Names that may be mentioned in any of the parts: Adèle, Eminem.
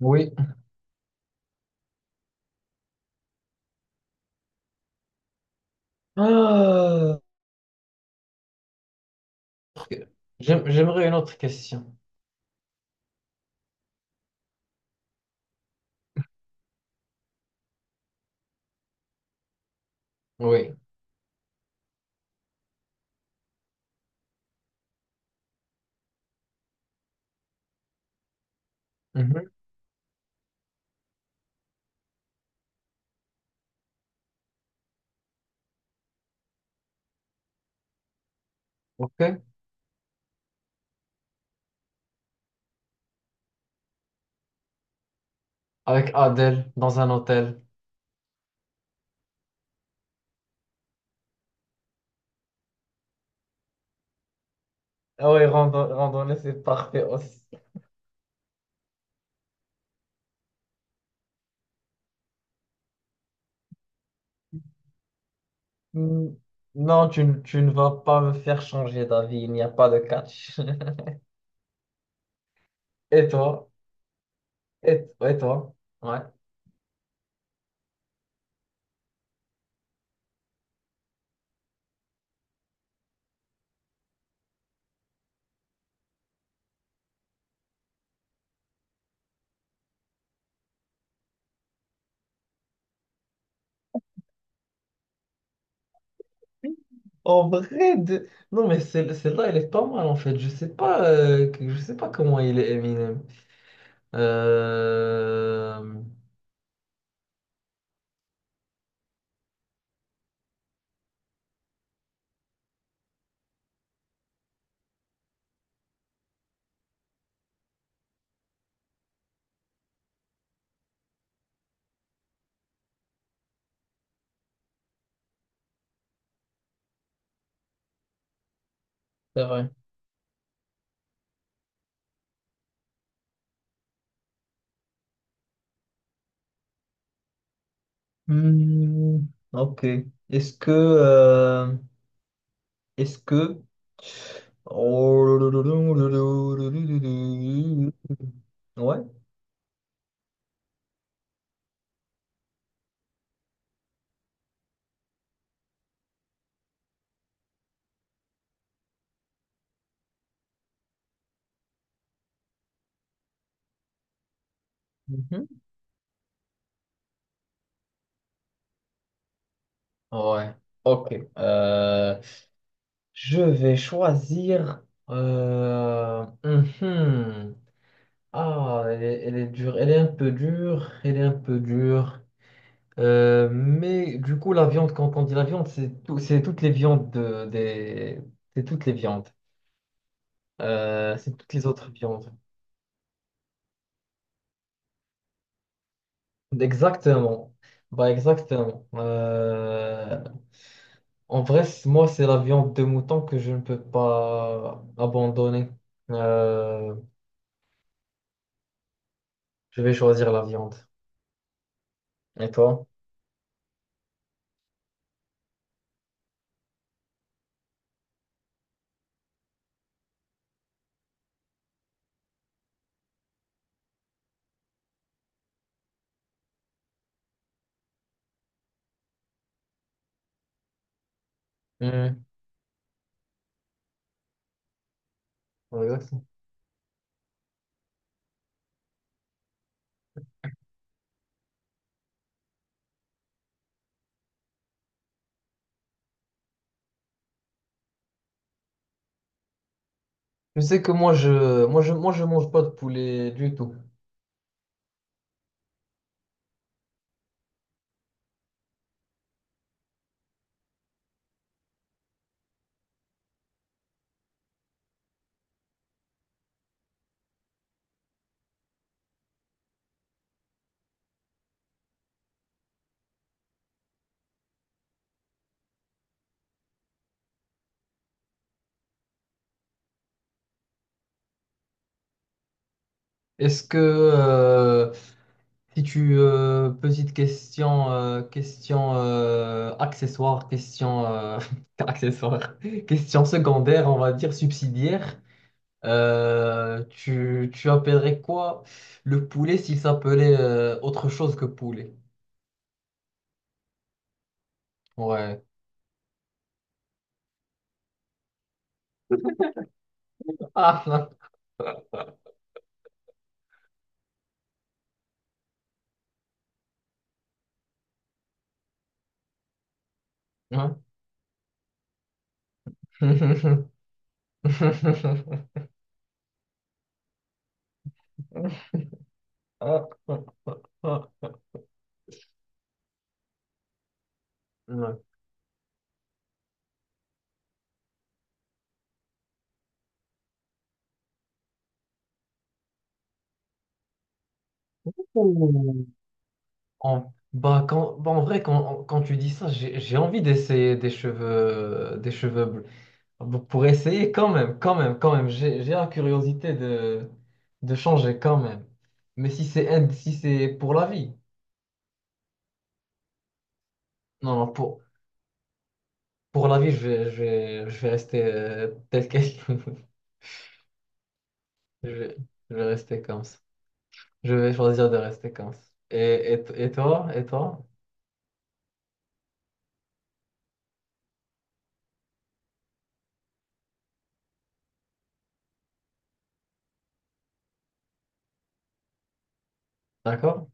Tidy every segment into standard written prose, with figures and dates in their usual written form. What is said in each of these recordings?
Oui. Ah, j'aimerais une autre question. Oui. Mhm. OK. Avec Adèle dans un hôtel. Ah oui, randonnée, c'est parfait aussi. Hmm, non, tu ne vas pas me faire changer d'avis, il n'y a pas de catch. Et toi? Et toi? Ouais. En vrai, non, mais celle-là, elle est pas mal en fait. Je sais pas, je sais pas comment il est Eminem. Euh, Euh, C'est vrai. Hmm, ok. Est-ce que, euh, est-ce que, Oh, ouais. Mhm. Ouais. Ok. Euh, je vais choisir. Mhm. Ah, elle est dure. Elle est un peu dure. Elle est un peu dure. Mais du coup, la viande, quand on dit la viande, c'est c'est toutes les viandes c'est toutes les viandes. C'est toutes les autres viandes. Exactement. Bah exactement. En vrai, moi, c'est la viande de mouton que je ne peux pas abandonner. Euh, je vais choisir la viande. Et toi? Mhm. Ouais, exactement. Je sais que moi, je mange pas de poulet du tout. Est-ce que, euh, Si tu petite question question accessoire question accessoire question secondaire, on va dire subsidiaire. Tu appellerais quoi le poulet s'il s'appelait autre chose que poulet? Ouais. Ah non. Ah, ah, ah. Ouais. Ouh. Bah, bah, en vrai, quand tu dis ça, j'ai envie d'essayer des cheveux, des cheveux. Donc pour essayer quand même, quand même, quand même, j'ai la curiosité de changer quand même. Mais si c'est si c'est pour la vie, non, non, pour la vie, je vais rester tel quel. Je vais, je vais rester comme ça. Je vais choisir de rester comme ça. Et toi? D'accord?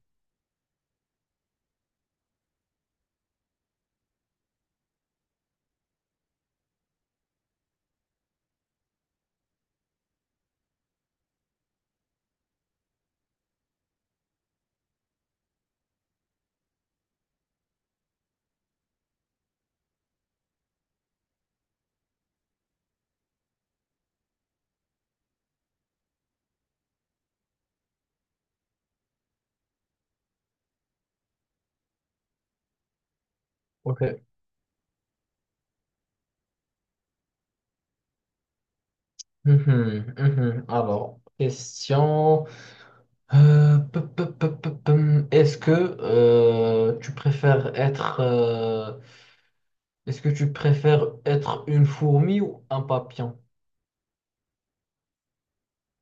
Ok. Mhm, mhm. Alors, question. Euh, pe- pe- pe- pe- pe- Est-ce que euh, tu préfères être... euh, Est-ce que tu préfères être une fourmi ou un papillon?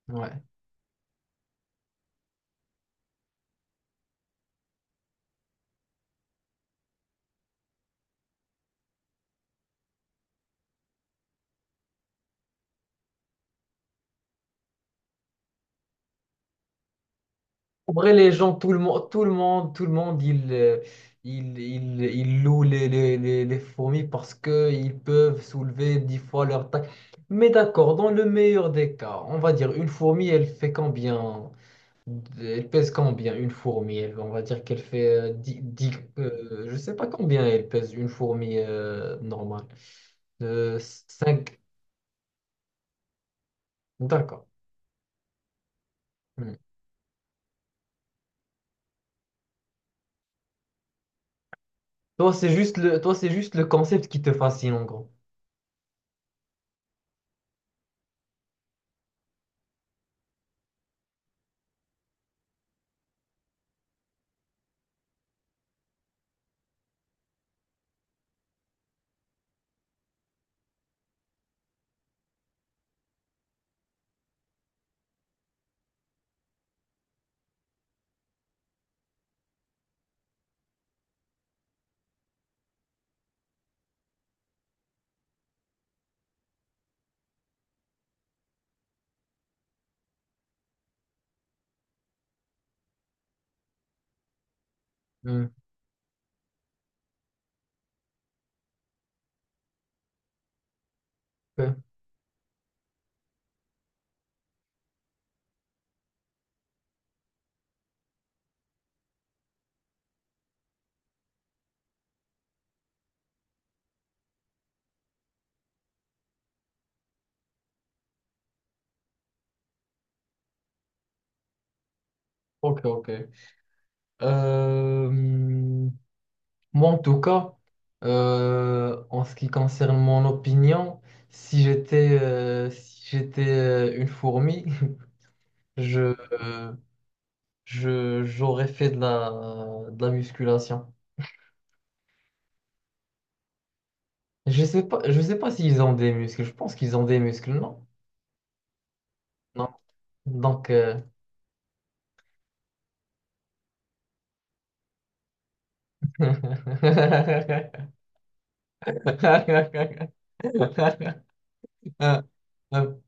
Ouais. En vrai, les gens, tout le monde, tout le monde, tout le monde, ils louent les fourmis parce qu'ils peuvent soulever 10 fois leur taille. Mais d'accord, dans le meilleur des cas, on va dire une fourmi, elle fait combien? Elle pèse combien une fourmi? On va dire qu'elle fait 10, je sais pas combien elle pèse une fourmi normale. Euh, 5. D'accord. Hmm. Toi, c'est juste le concept qui te fascine, en gros. Hmm, ok, ok. Ok. Euh, moi, en tout cas, en ce qui concerne mon opinion, si j'étais une fourmi, je, euh, je, j'aurais fait de la musculation. Je sais pas s'ils ont des muscles. Je pense qu'ils ont des muscles, non? Non. Donc, un, un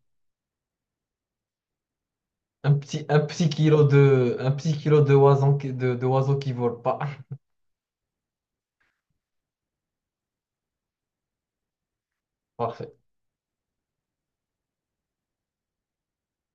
un petit kilo de, un petit kilo de oiseau, de oiseau qui vole pas. Parfait.